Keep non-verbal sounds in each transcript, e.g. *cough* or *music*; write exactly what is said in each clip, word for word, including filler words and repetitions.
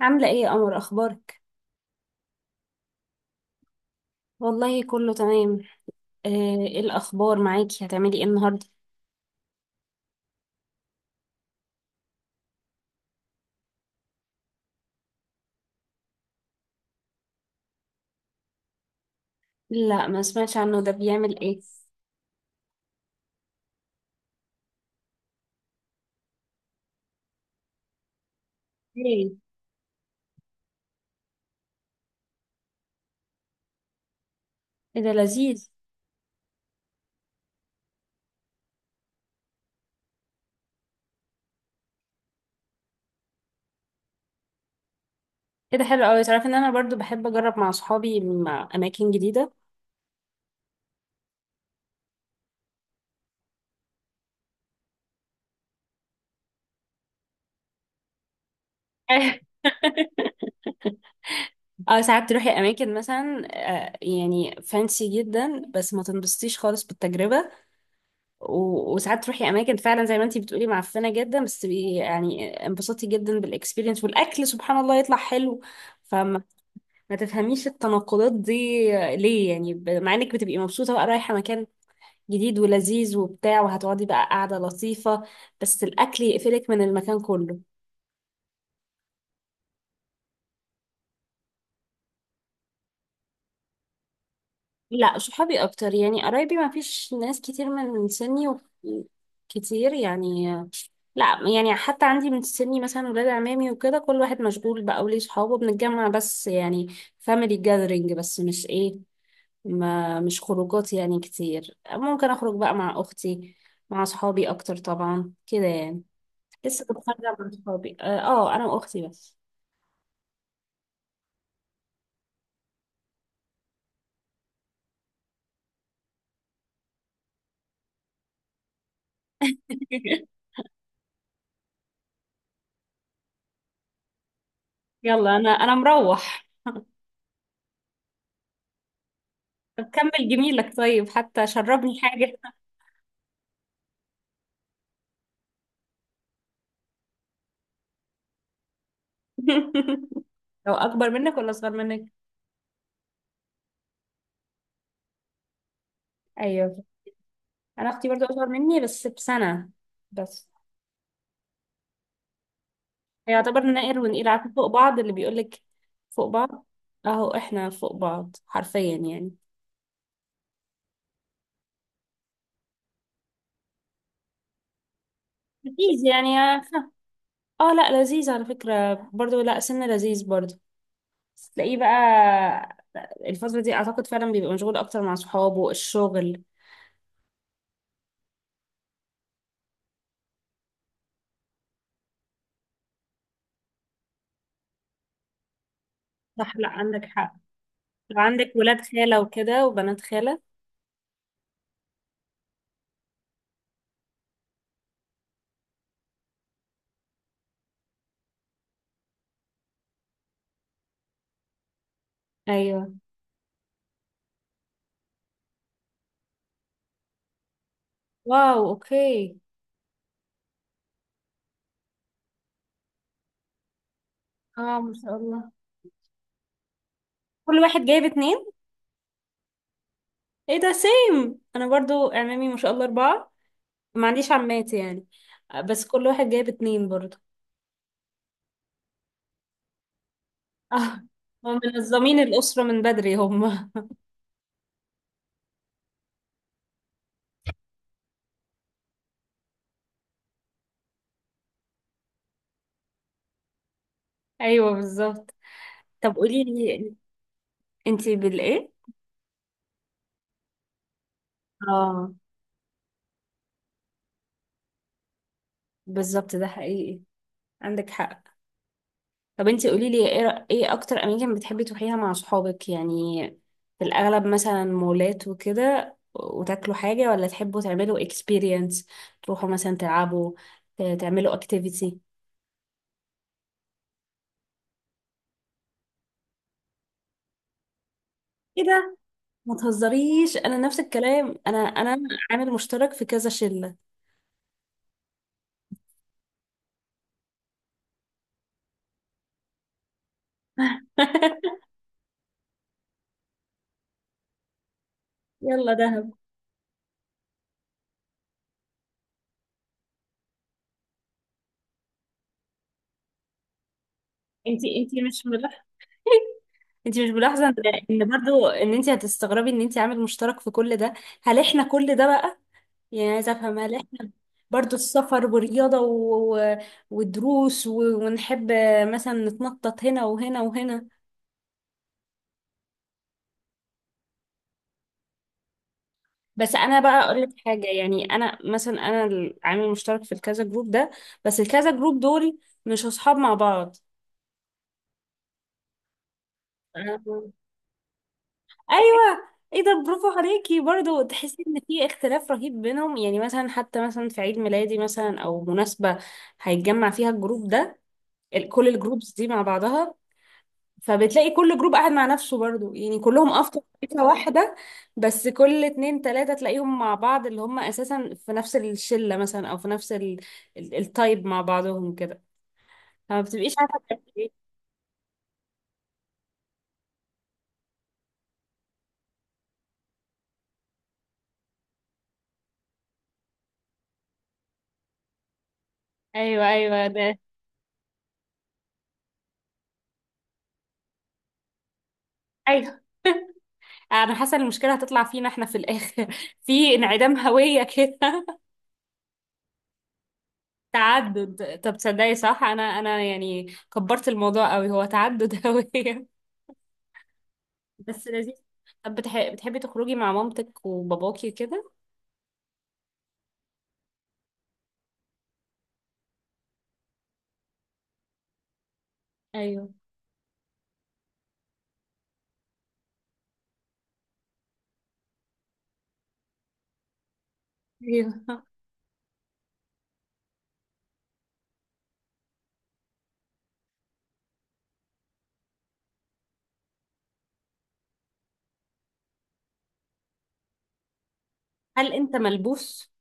عاملة ايه يا قمر، اخبارك؟ والله كله تمام. آه، ايه الاخبار معاكي؟ هتعملي ايه النهاردة؟ لا، ما سمعتش عنه. ده بيعمل ايه؟ ايه؟ ايه ده لذيذ. ايه ده حلو قوي! تعرفي ان انا برضو بحب اجرب مع صحابي مع اماكن جديدة. *laughs* اه، ساعات تروحي اماكن مثلا آه، يعني فانسي جدا بس ما تنبسطيش خالص بالتجربة. و- وساعات تروحي اماكن فعلا زي ما انتي بتقولي معفنة جدا بس تبقي يعني انبسطتي جدا بالاكسبيرينس والاكل سبحان الله يطلع حلو. فما ما تفهميش التناقضات دي. ليه يعني ب- مع انك بتبقي مبسوطة بقى رايحة مكان جديد ولذيذ وبتاع وهتقعدي بقى قاعدة لطيفة بس الأكل يقفلك من المكان كله. لا، صحابي أكتر، يعني قرايبي ما فيش ناس كتير من سني و... كتير يعني. لا يعني حتى عندي من سني مثلا ولاد عمامي وكده، كل واحد مشغول بقى وليه صحابه، بنتجمع بس يعني فاميلي جاذرينج، بس مش ايه، ما مش خروجات يعني كتير. ممكن اخرج بقى مع اختي مع اصحابي اكتر طبعا كده يعني. لسه كنت خارجه مع اصحابي، اه، آه، انا واختي بس. *laughs* يلا، انا انا مروح. طب كمل جميلك، طيب حتى شربني حاجه. *laughs* لو اكبر منك ولا اصغر منك؟ ايوه. انا اختي برضو اصغر مني بس بسنه بس. يعتبر نقر ونقيل، عارفه فوق بعض؟ اللي بيقولك فوق بعض. اهو احنا فوق بعض حرفيا يعني. اكيد يعني. آه، اه لا لذيذ على فكرة، برضو لا سنة لذيذ برضو. تلاقيه بقى الفترة دي اعتقد فعلا بيبقى مشغول اكتر مع صحابه، الشغل. صح، لا عندك حق. لو عندك ولاد خالة وكده وبنات خالة؟ ايوه. واو، اوكي. اه ما شاء الله. كل واحد جايب اتنين. ايه ده سيم، انا برضو اعمامي ما شاء الله اربعة. ما عنديش عماتي يعني. آه، بس كل واحد جايب اتنين برضو. *laughs* اه. هم منظمين الأسرة من بدري هم. *laughs* ايوه بالظبط. طب قولي لي انتي بالايه؟ اه بالظبط، ده حقيقي. عندك حق. طب انتي قولي لي ايه رأ- ايه اكتر اماكن بتحبي تروحيها مع صحابك يعني؟ في الاغلب مثلا مولات وكده وتاكلوا حاجة، ولا تحبوا تعملوا اكسبيرينس تروحوا مثلا تلعبوا ت- تعملوا اكتيفيتي؟ ايه ده؟ ما تهزريش، انا نفس الكلام. انا انا عامل مشترك في كذا شلة. *laughs* يلا دهب. انتي انتي مش ملاحظة؟ *laughs* انتي مش ملاحظة ان، إن برضو، ان انتي هتستغربي ان انتي عامل مشترك في كل ده؟ هل احنا كل ده بقى؟ يعني عايزة أفهم، هل إحنا برضو السفر ورياضة و... و- ودروس و... ونحب مثلا نتنطط هنا وهنا وهنا؟ بس أنا بقى أقول لك حاجة، يعني أنا مثلا أنا العامل المشترك في الكذا جروب ده، بس الكذا جروب دول مش أصحاب مع بعض. أنا- أيوة. ايه ده، برافو عليكي. برضو تحسي ان في اختلاف رهيب بينهم، يعني مثلا حتى مثلا في عيد ميلادي مثلا او مناسبة هيتجمع فيها الجروب ده، ال- كل الجروبز دي مع بعضها، فبتلاقي كل جروب قاعد مع نفسه برضو يعني، كلهم افكار فكرة واحدة. بس كل اتنين تلاتة تلاقيهم مع بعض، اللي هم اساسا في نفس الشلة مثلا او في نفس ال... ال... التايب مع بعضهم كده، فما بتبقيش عارفة تعملي ايه. ايوه ايوه ده. ايوه. *laughs* انا حاسة ان المشكلة هتطلع فينا احنا في الاخر *laughs* في انعدام هوية كده. *laughs* تعدد. طب تصدقي صح، انا انا يعني كبرت الموضوع قوي، هو تعدد *laughs* هوية. بس لذيذ. طب بتح... بتحبي تخرجي مع مامتك وباباكي كده؟ ايوه، ايوه. هل انت ملبوس؟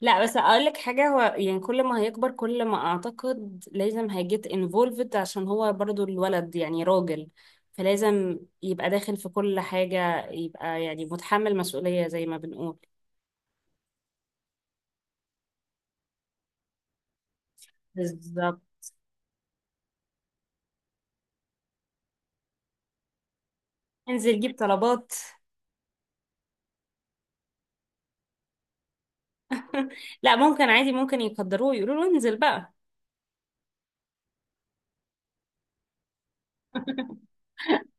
لا، بس اقول لك حاجه، هو يعني كل ما هيكبر كل ما اعتقد لازم هيجيت انفولفد، عشان هو برضو الولد يعني راجل، فلازم يبقى داخل في كل حاجه، يبقى يعني متحمل مسؤوليه زي ما بنقول. بالظبط. انزل جيب طلبات. *laughs* لا، ممكن عادي، ممكن يقدروه يقولوا له انزل بقى.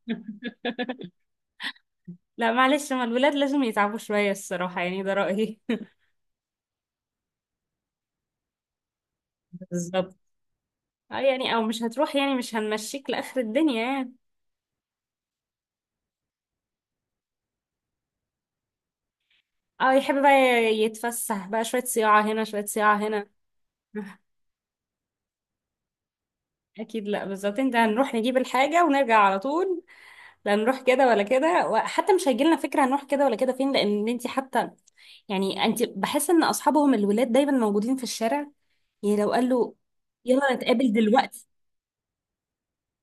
*laughs* لا معلش، ما الولاد لازم يتعبوا شويه الصراحه يعني، ده رايي. *laughs* بالظبط. اه يعني او مش هتروح يعني، مش هنمشيك لاخر الدنيا يعني. اه يحب بقى يتفسح بقى، شوية صياعة هنا شوية صياعة هنا. *laughs* اكيد لا، بالظبط. انت هنروح نجيب الحاجة ونرجع على طول، لا نروح كده ولا كده، وحتى مش هيجيلنا فكرة هنروح كده ولا كده فين. لان انت حتى يعني انت بحس ان اصحابهم الولاد دايما موجودين في الشارع، يعني لو قال له يلا نتقابل دلوقتي،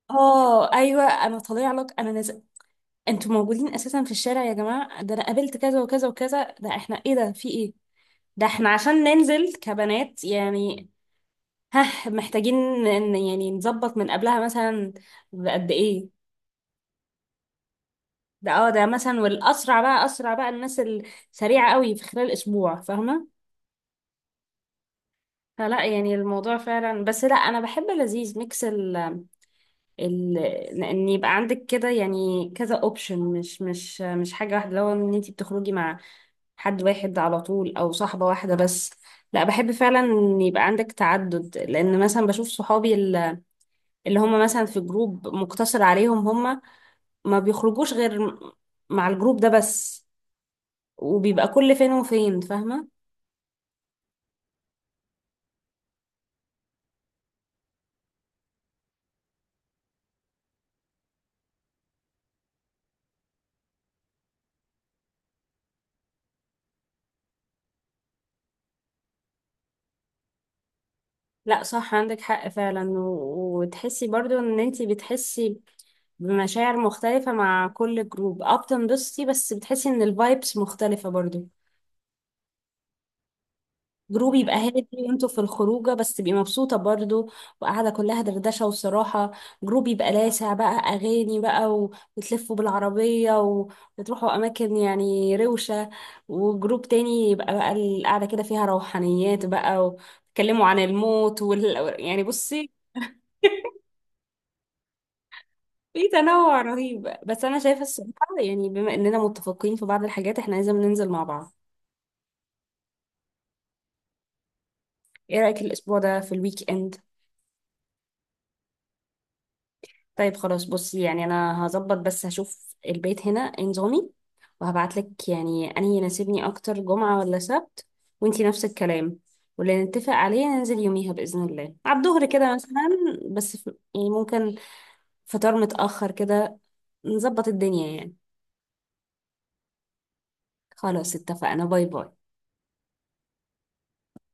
اه ايوه انا طالع لك انا نازل. انتوا موجودين اساسا في الشارع يا جماعه! ده انا قابلت كذا وكذا وكذا. ده احنا ايه، ده في ايه؟ ده احنا عشان ننزل كبنات يعني، ها محتاجين ان يعني نظبط من قبلها مثلا بقد ايه؟ ده اه ده مثلا. والاسرع بقى، اسرع بقى الناس السريعه قوي في خلال اسبوع، فاهمه؟ فلا يعني الموضوع فعلا، بس لا انا بحب لذيذ ميكس ال ال ان يبقى عندك كده يعني كذا اوبشن، مش مش مش حاجه واحده. لو ان انت بتخرجي مع حد واحد على طول او صاحبه واحده بس، لا بحب فعلا ان يبقى عندك تعدد. لان مثلا بشوف صحابي ال- اللي هم مثلا في جروب مقتصر عليهم هم، ما بيخرجوش غير مع الجروب ده بس، وبيبقى كل فين وفين، فاهمة؟ لا صح، عندك حق فعلا. و- وتحسي برضو ان انتي بتحسي بمشاعر مختلفة مع كل جروب، اه بتنبسطي بس بتحسي ان الفايبس مختلفة برضو. جروب يبقى هادي وانتوا في الخروجه بس تبقي مبسوطه برضو وقاعده كلها دردشه وصراحه، جروب يبقى لاسع بقى اغاني بقى و- وتلفوا بالعربيه و- وتروحوا اماكن يعني روشه، وجروب تاني يبقى بقى القعده كده فيها روحانيات بقى وتكلموا عن الموت وال... يعني بصي. *laughs* في تنوع رهيب، بس انا شايفه الصراحه يعني بما اننا متفقين في بعض الحاجات احنا لازم ننزل مع بعض. ايه رايك الاسبوع ده في الويك اند؟ طيب خلاص، بصي يعني انا هظبط، بس هشوف البيت هنا إيه نظامي، وهبعتلك يعني انهي يناسبني اكتر، جمعة ولا سبت، وانتي نفس الكلام، واللي نتفق عليه ننزل يوميها بإذن الله على الظهر كده مثلا. بس في- يعني ممكن فطار متأخر كده، نظبط الدنيا يعني. خلاص اتفقنا، باي باي.